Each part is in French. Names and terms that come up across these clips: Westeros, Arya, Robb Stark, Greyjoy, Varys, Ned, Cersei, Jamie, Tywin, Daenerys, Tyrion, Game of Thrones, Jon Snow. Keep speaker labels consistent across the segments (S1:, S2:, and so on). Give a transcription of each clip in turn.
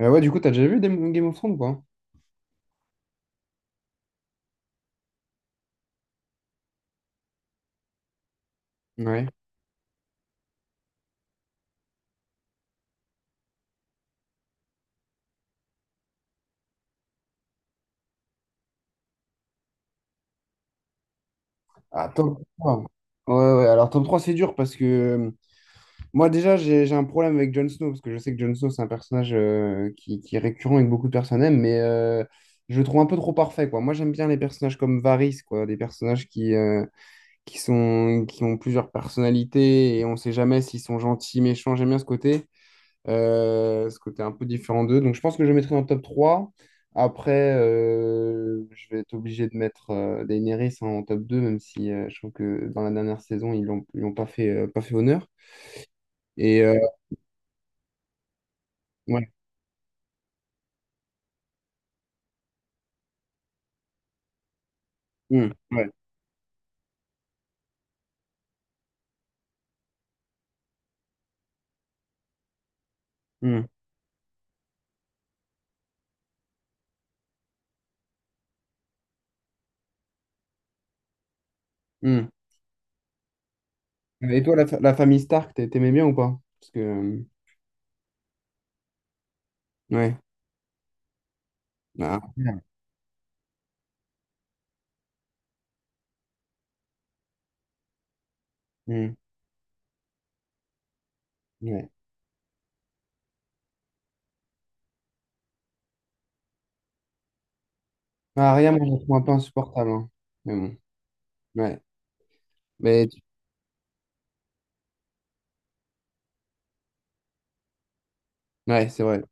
S1: Ouais, du coup, t'as déjà vu Game of Thrones ou pas? Ouais. Ah, top trois. Ouais, ouais, alors top trois, c'est dur parce que moi, déjà, j'ai un problème avec Jon Snow parce que je sais que Jon Snow, c'est un personnage, qui est récurrent et que beaucoup de personnes aiment, mais je le trouve un peu trop parfait, quoi. Moi, j'aime bien les personnages comme Varys, quoi, des personnages qui, qui ont plusieurs personnalités et on sait jamais s'ils sont gentils, méchants. J'aime bien ce côté. Ce côté un peu différent d'eux. Donc, je pense que je le mettrai dans le top trois. Après, je vais être obligé de mettre Daenerys en top deux, même si je trouve que dans la dernière saison, ils l'ont pas fait, pas fait honneur. Et euh, ouais. Mmh, ouais. Mmh, mmh. Et toi, la, la famille Stark, t'aimais bien ou pas? Parce que, ouais. Ah, mmh, ouais. Ah, Arya, moi, je la trouve un peu insupportable, hein. Mais bon, ouais. Mais, ouais, c'est vrai.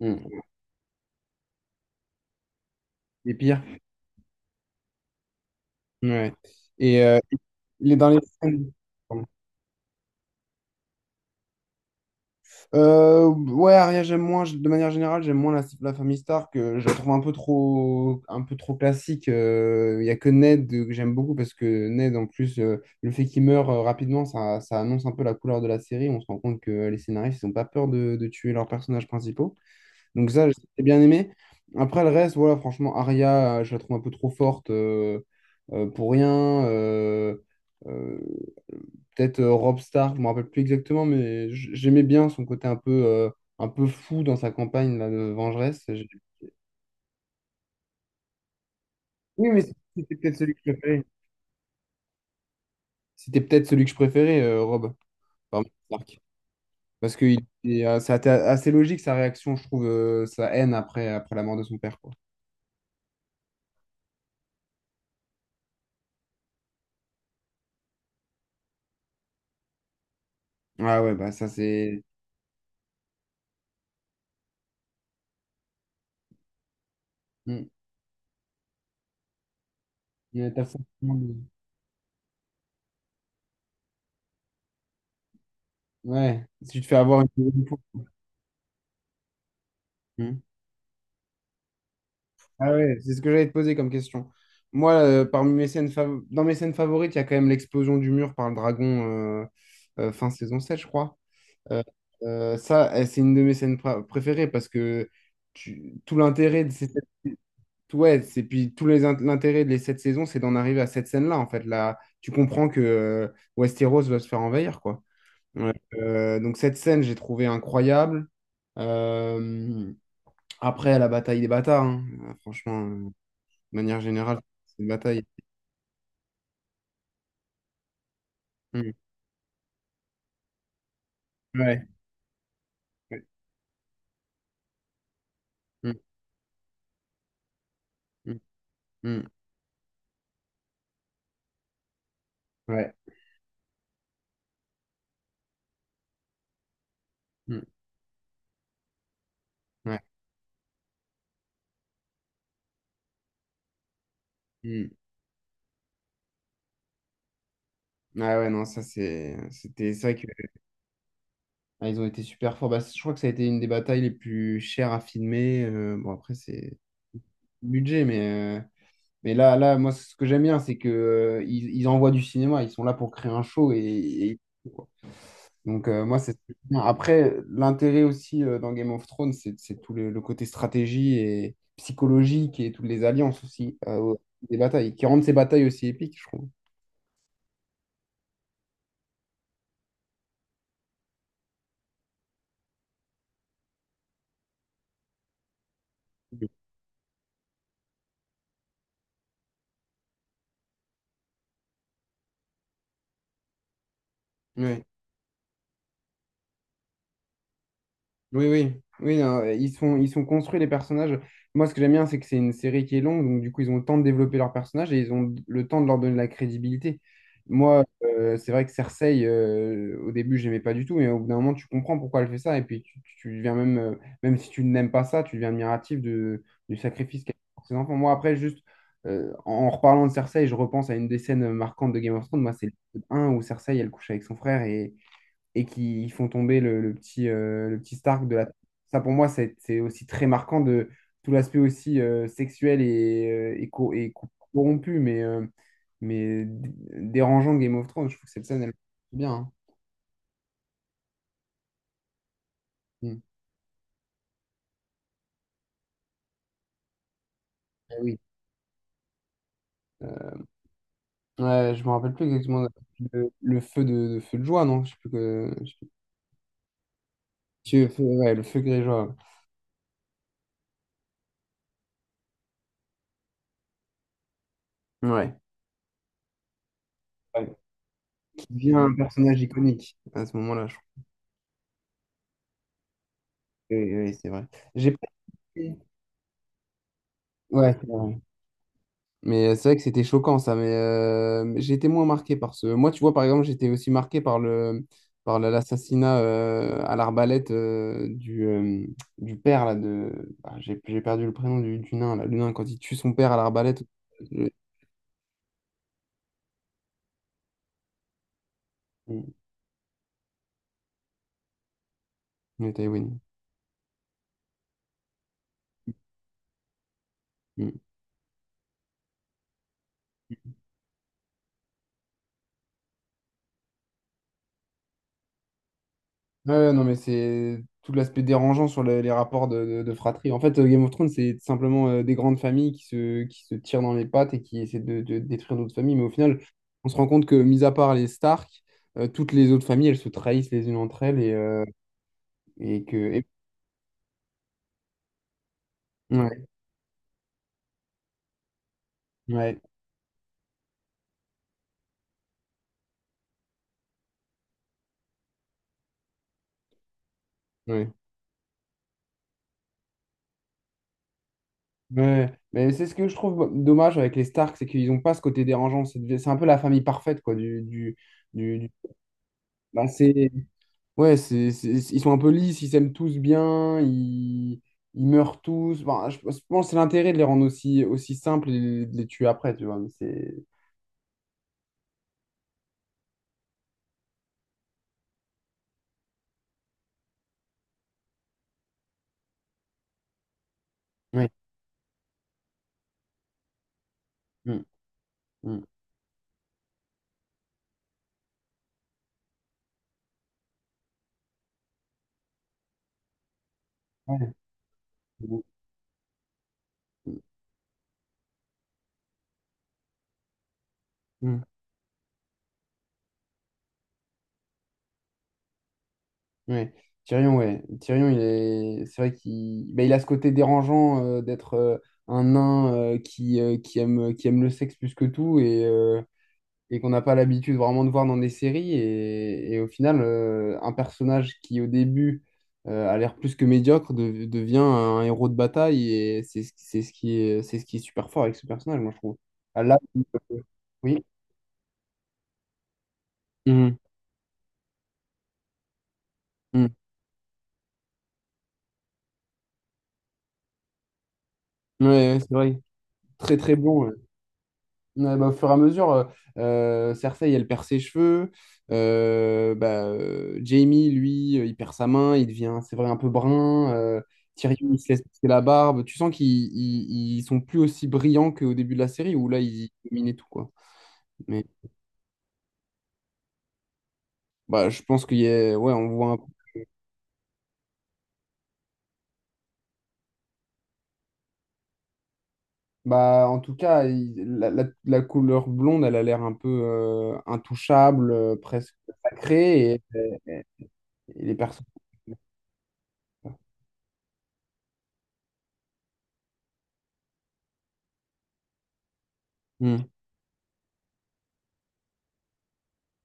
S1: Mmh. Les pires. Ouais. Et euh, il est dans les scènes. Ouais, Arya, j'aime moins, de manière générale, j'aime moins la famille Stark. Je la trouve un peu trop classique. Il n'y a que Ned, que j'aime beaucoup, parce que Ned, en plus, le fait qu'il meure rapidement, ça annonce un peu la couleur de la série. On se rend compte que les scénaristes n'ont pas peur de tuer leurs personnages principaux. Donc ça, j'ai bien aimé. Après, le reste, voilà, franchement, Arya, je la trouve un peu trop forte, pour rien. Euh, Peut-être, Robb Stark, je me rappelle plus exactement, mais j'aimais bien son côté un peu fou dans sa campagne là, de vengeresse. Oui, mais c'était peut-être celui que je préférais. C'était peut-être celui que je préférais, Robb, parmi les Stark. Parce que c'était assez logique, sa réaction, je trouve, sa haine après la mort de son père, quoi. Ah ouais, bah, ça c'est... Mm. Il y a un personnage. Ouais, si tu te fais avoir une deuxième fois. Hmm. Ah ouais, c'est ce que j'allais te poser comme question. Moi, parmi mes dans mes scènes favorites, il y a quand même l'explosion du mur par le dragon, fin saison 7, je crois. Euh, Ça, c'est une de mes scènes préférées, parce que tout l'intérêt de ces sept... Ouais, c'est, puis tout l'intérêt de les sept saisons, c'est d'en arriver à cette scène-là, en fait. Là, tu comprends que Westeros va se faire envahir, quoi. Ouais. Donc cette scène, j'ai trouvé incroyable. Euh, Après, la bataille des bâtards, hein. Franchement, de manière générale, c'est une bataille. Mm. Ouais. Ouais. Mm, mm, mm. Ouais. Mm. Ouais. Mm. Ah ouais, non, ça c'est c'était ça que ah, ils ont été super forts. Bah, je crois que ça a été une des batailles les plus chères à filmer. Bon, après, c'est le budget, mais là, moi, ce que j'aime bien, c'est que ils envoient du cinéma, ils sont là pour créer un show, et donc, moi, c'est bien. Après, l'intérêt aussi, dans Game of Thrones, c'est tout le côté stratégie et psychologique, et toutes les alliances aussi, des batailles, qui rendent ces batailles aussi épiques, je trouve. Ouais. Oui, oui, oui, non, ils sont construits, les personnages. Moi, ce que j'aime bien, c'est que c'est une série qui est longue, donc du coup, ils ont le temps de développer leurs personnages et ils ont le temps de leur donner de la crédibilité. Moi, c'est vrai que Cersei, au début, j'aimais pas du tout, mais au bout d'un moment, tu comprends pourquoi elle fait ça, et puis tu deviens même, même si tu n'aimes pas ça, tu deviens admiratif du sacrifice qu'elle fait pour ses enfants. Moi, après, juste en reparlant de Cersei, je repense à une des scènes marquantes de Game of Thrones. Moi, c'est l'épisode 1 où Cersei, elle couche avec son frère, et qui font tomber le petit Stark de la... Ça, pour moi, c'est aussi très marquant de tout l'aspect aussi, sexuel, et corrompu, mais dérangeant de Game of Thrones. Je trouve que cette scène, elle est bien, hein. Mm. Ah oui. Ouais, je me rappelle plus exactement le feu de joie, non? Je sais plus que... je sais plus. Ouais, le feu Greyjoy. Ouais. Ouais. Qui devient un personnage iconique à ce moment-là, je crois. Oui, oui, c'est vrai. J'ai pas... Ouais. Mais c'est vrai que c'était choquant, ça, mais j'ai été moins marqué par ce. Moi, tu vois, par exemple, j'étais aussi marqué par l'assassinat, à l'arbalète, du père là de. Ah, j'ai perdu le prénom du nain là. Le nain, quand il tue son père à l'arbalète. Le... Mm. Le Tywin. Mm. Ouais, ouais, non, mais c'est tout l'aspect dérangeant sur les rapports de fratrie. En fait, Game of Thrones, c'est simplement des grandes familles qui se tirent dans les pattes et qui essaient de détruire d'autres familles. Mais au final, on se rend compte que, mis à part les Stark, toutes les autres familles, elles se trahissent les unes entre elles, et que... ouais, ouais, ouais. Ouais. Ouais. Mais c'est ce que je trouve dommage avec les Stark, c'est qu'ils n'ont pas ce côté dérangeant. C'est un peu la famille parfaite, quoi, du passé. Ouais, ils sont un peu lisses, ils s'aiment tous bien, ils meurent tous. Enfin, je pense que c'est l'intérêt de les rendre aussi, aussi simples, et de les tuer après, tu vois. Mais c'est... Ouais. Mm, mm. Ouais. Mm, mm. Ouais. Tyrion, ouais. Tyrion, il est... c'est vrai qu'il ben, il a ce côté dérangeant, d'être, un nain, qui, qui aime le sexe plus que tout. Et qu'on n'a pas l'habitude vraiment de voir dans des séries. Et au final, un personnage qui au début a l'air plus que médiocre, devient un héros de bataille, et c'est ce qui est super fort avec ce personnage, moi je trouve. Ah, là, oui. Mhm. Mhm. Ouais, ouais, c'est vrai. Très très bon. Ouais. Ouais, bah, au fur et à mesure, Cersei, elle perd ses cheveux. Bah, Jamie, lui, il perd sa main, il devient, c'est vrai, un peu brun. Tyrion, il se laisse pousser la barbe. Tu sens qu'ils ils, ils sont plus aussi brillants qu'au début de la série, où là, ils dominaient tout, quoi. Mais bah, je pense qu'il y a... Ouais, on voit bah, en tout cas, la couleur blonde, elle a l'air un peu, intouchable, presque sacrée, et- et les personnes... Hmm.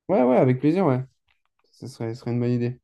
S1: Ouais, ouais, avec plaisir, ouais. Ce serait une bonne idée.